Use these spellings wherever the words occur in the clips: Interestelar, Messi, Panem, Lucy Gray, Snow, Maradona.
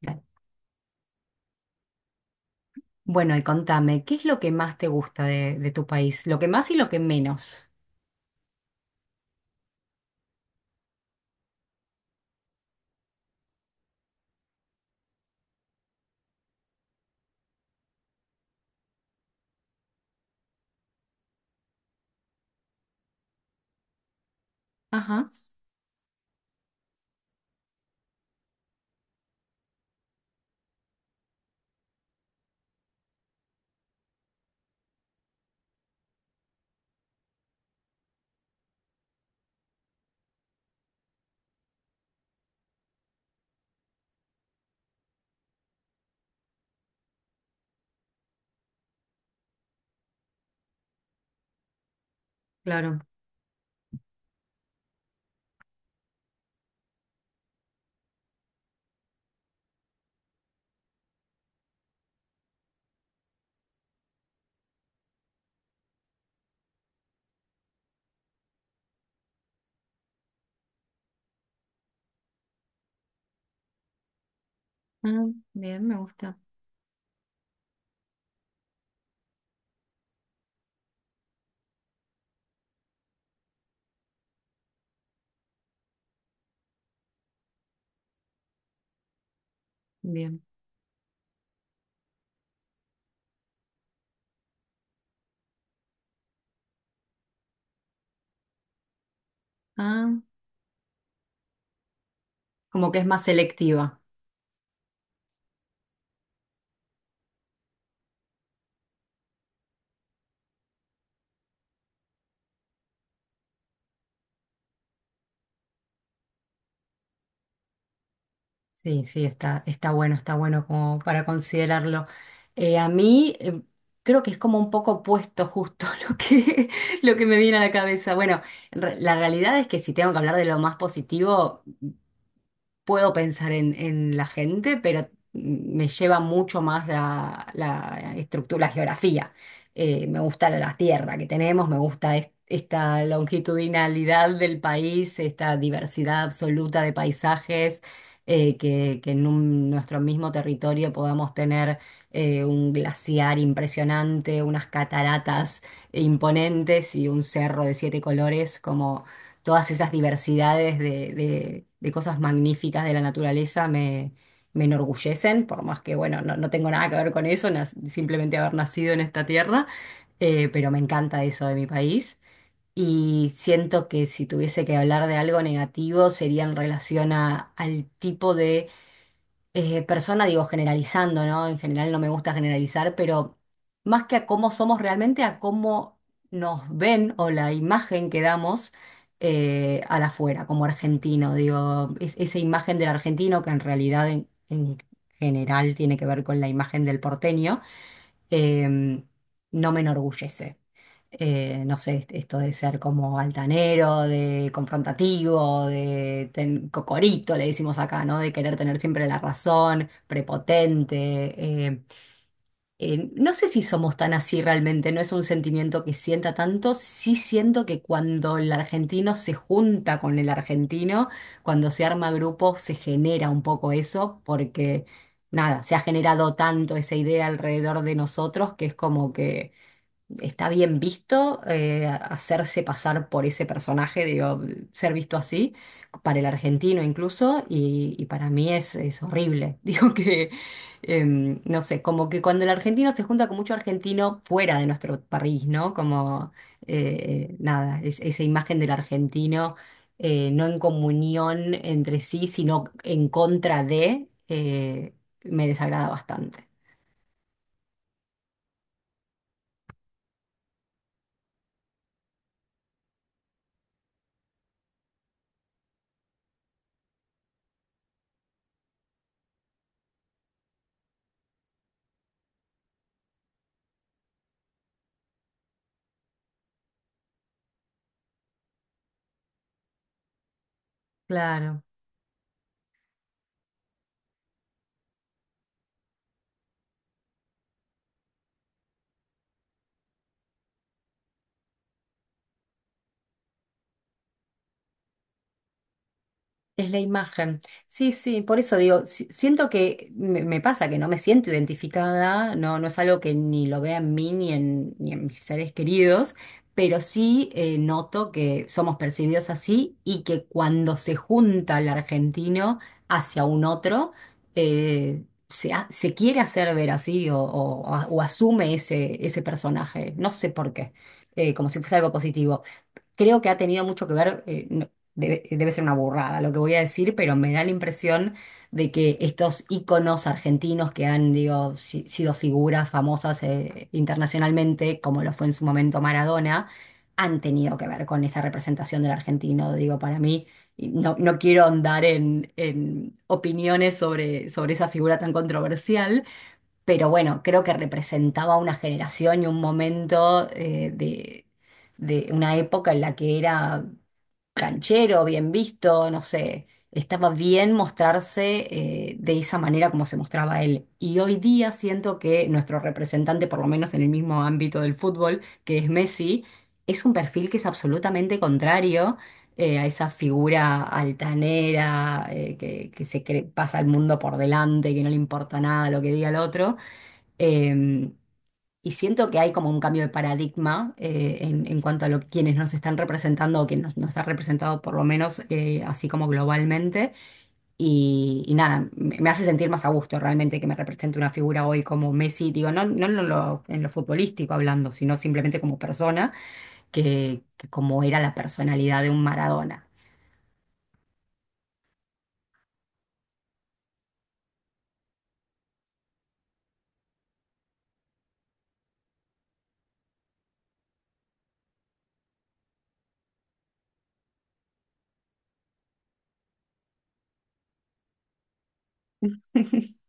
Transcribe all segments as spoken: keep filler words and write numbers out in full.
Dale. Bueno, y contame, ¿qué es lo que más te gusta de, de tu país? Lo que más y lo que menos. Ajá, claro. Ah, bien, me gusta. Bien. Ah, como que es más selectiva. Sí, sí, está, está bueno, está bueno como para considerarlo. Eh, a mí eh, creo que es como un poco opuesto justo lo que, lo que me viene a la cabeza. Bueno, re- la realidad es que si tengo que hablar de lo más positivo, puedo pensar en, en la gente, pero me lleva mucho más la, la estructura, la geografía. Eh, me gusta la tierra que tenemos, me gusta es- esta longitudinalidad del país, esta diversidad absoluta de paisajes, eh, que, que en un- nuestro mismo territorio podamos tener eh, un glaciar impresionante, unas cataratas imponentes y un cerro de siete colores, todas esas diversidades de, de- de cosas magníficas de la naturaleza me, me enorgullecen, por más que, bueno, no, no tengo nada que ver con eso, nas- simplemente haber nacido en esta tierra, eh, pero me encanta eso de mi país. Y siento que si tuviese que hablar de algo negativo sería en relación a- al tipo eh, persona, digo, generalizando, ¿no? En general no me gusta generalizar, pero más que a cómo somos realmente, a cómo nos ven o la imagen que damos eh, al afuera, como argentino, digo, es- esa imagen del argentino que en realidad en, en general tiene que ver con la imagen del porteño, em, no me enorgullece. Eh, no sé, est- esto de ser como altanero, de confrontativo, de ten- cocorito, le decimos acá, ¿no? De querer tener siempre la razón, prepotente. Em, eh, no sé si somos tan así realmente, no es un sentimiento que sienta tanto, sí siento que cuando el argentino se junta con el argentino, cuando se arma grupo, se genera un poco eso, porque nada, se ha generado tanto esa idea alrededor de nosotros que es como que está bien visto eh, hacerse pasar por ese personaje, digo, ser visto así, para el argentino incluso, y, y para mí es, es horrible. Digo que, em, no sé, como que cuando el argentino se junta con mucho argentino fuera de nuestro país, ¿no? Como, eh, nada, es- esa imagen del argentino eh, no en comunión entre sí, sino en contra de, eh, me desagrada bastante. Claro. Es la imagen. Sí, sí, por eso digo, si- siento que me, me pasa que no me siento identificada, no, no es algo que ni lo vea en mí ni en, ni en mis seres queridos, pero sí eh, noto que somos percibidos así y que cuando se junta el argentino hacia un otro, eh, se, ha- se quiere hacer ver así o, o- o asume ese, ese personaje. No sé por qué, eh, como si fuese algo positivo. Creo que ha tenido mucho que ver, eh, no- debe, debe ser una burrada lo que voy a decir, pero me da la impresión de que estos íconos argentinos que han, digo, si- sido figuras famosas eh, internacionalmente, como lo fue en su momento Maradona, han tenido que ver con esa representación del argentino. Digo, para mí, y no, no quiero andar en, en opiniones sobre, sobre esa figura tan controversial, pero bueno, creo que representaba una generación y un momento eh, de, de una época en la que era canchero, bien visto, no sé, estaba bien mostrarse eh, de esa manera como se mostraba él. Y hoy día siento que nuestro representante, por lo menos en el mismo ámbito del fútbol, que es Messi, es un perfil que es absolutamente contrario. Eh, a esa figura altanera, eh, que, que se cre- pasa el mundo por delante, que no le importa nada lo que diga el otro, eh, y siento que hay como un cambio de paradigma eh, en, en cuanto a lo, quienes nos están representando o quien nos, nos ha representado por lo menos eh, así como globalmente. Y, y nada, me, me hace sentir más a gusto realmente que me represente una figura hoy como Messi, digo, no, no en lo, en lo futbolístico hablando, sino simplemente como persona, que, que como era la personalidad de un Maradona.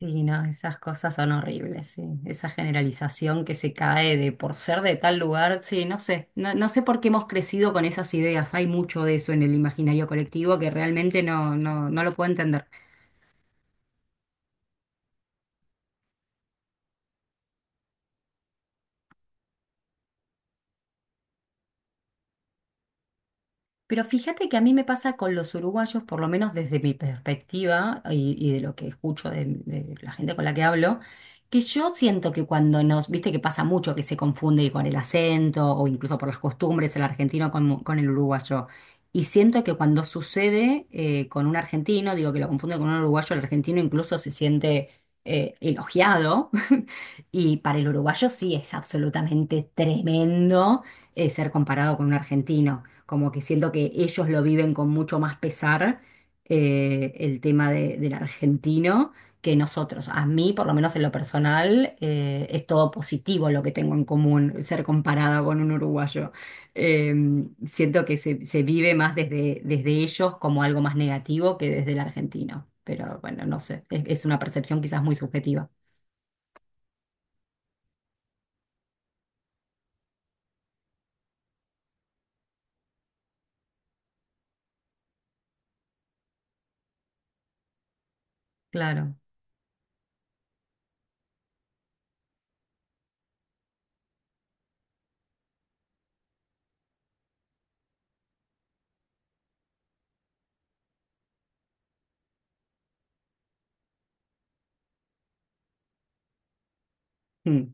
Sí, no, esas cosas son horribles, sí. Esa generalización que se cae de por ser de tal lugar, sí, no sé, no, no sé por qué hemos crecido con esas ideas. Hay mucho de eso en el imaginario colectivo que realmente no, no, no lo puedo entender. Pero fíjate que a mí me pasa con los uruguayos, por lo menos desde mi perspectiva y, y de lo que escucho de, de la gente con la que hablo, que yo siento que cuando nos, viste que pasa mucho que se confunde con el acento o incluso por las costumbres el argentino con, con el uruguayo. Y siento que cuando sucede eh, con un argentino, digo que lo confunde con un uruguayo, el argentino incluso se siente eh, elogiado. Y para el uruguayo sí es absolutamente tremendo eh, ser comparado con un argentino, como que siento que ellos lo viven con mucho más pesar eh, el tema de- del argentino que nosotros. A mí, por lo menos en lo personal, eh, es todo positivo lo que tengo en común, ser comparada con un uruguayo. Eh, Siento que se, se vive más desde, desde ellos como algo más negativo que desde el argentino. Pero bueno, no sé, es, es una percepción quizás muy subjetiva. Claro. Mm.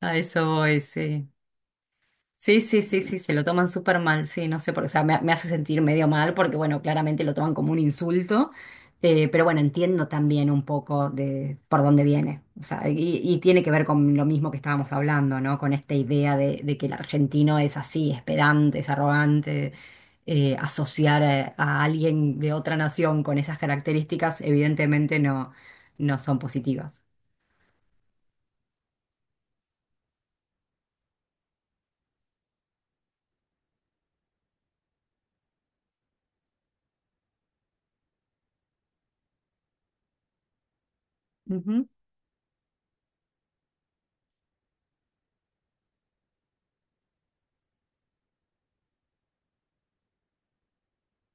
A eso voy, sí. Sí, sí, sí, sí, se lo toman súper mal, sí, no sé por qué, o sea, me, me hace sentir medio mal porque, bueno, claramente lo toman como un insulto, eh, pero bueno, entiendo también un poco de por dónde viene, o sea, y, y tiene que ver con lo mismo que estábamos hablando, ¿no? Con esta idea de, de que el argentino es así, es pedante, es arrogante, eh, asociar a, a alguien de otra nación con esas características evidentemente no, no son positivas. Ujú.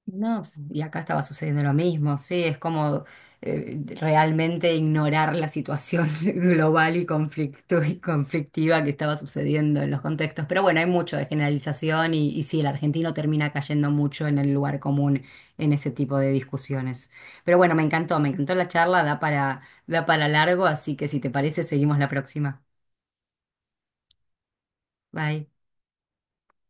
No, pues, y acá estaba sucediendo lo mismo, sí, es como eh, realmente ignorar la situación global y conflicto y conflictiva que estaba sucediendo en los contextos. Pero bueno, hay mucho de generalización y, y sí, el argentino termina cayendo mucho en el lugar común en ese tipo de discusiones. Pero bueno, me encantó, me encantó la charla, da para, da para largo, así que si te parece, seguimos la próxima. Bye.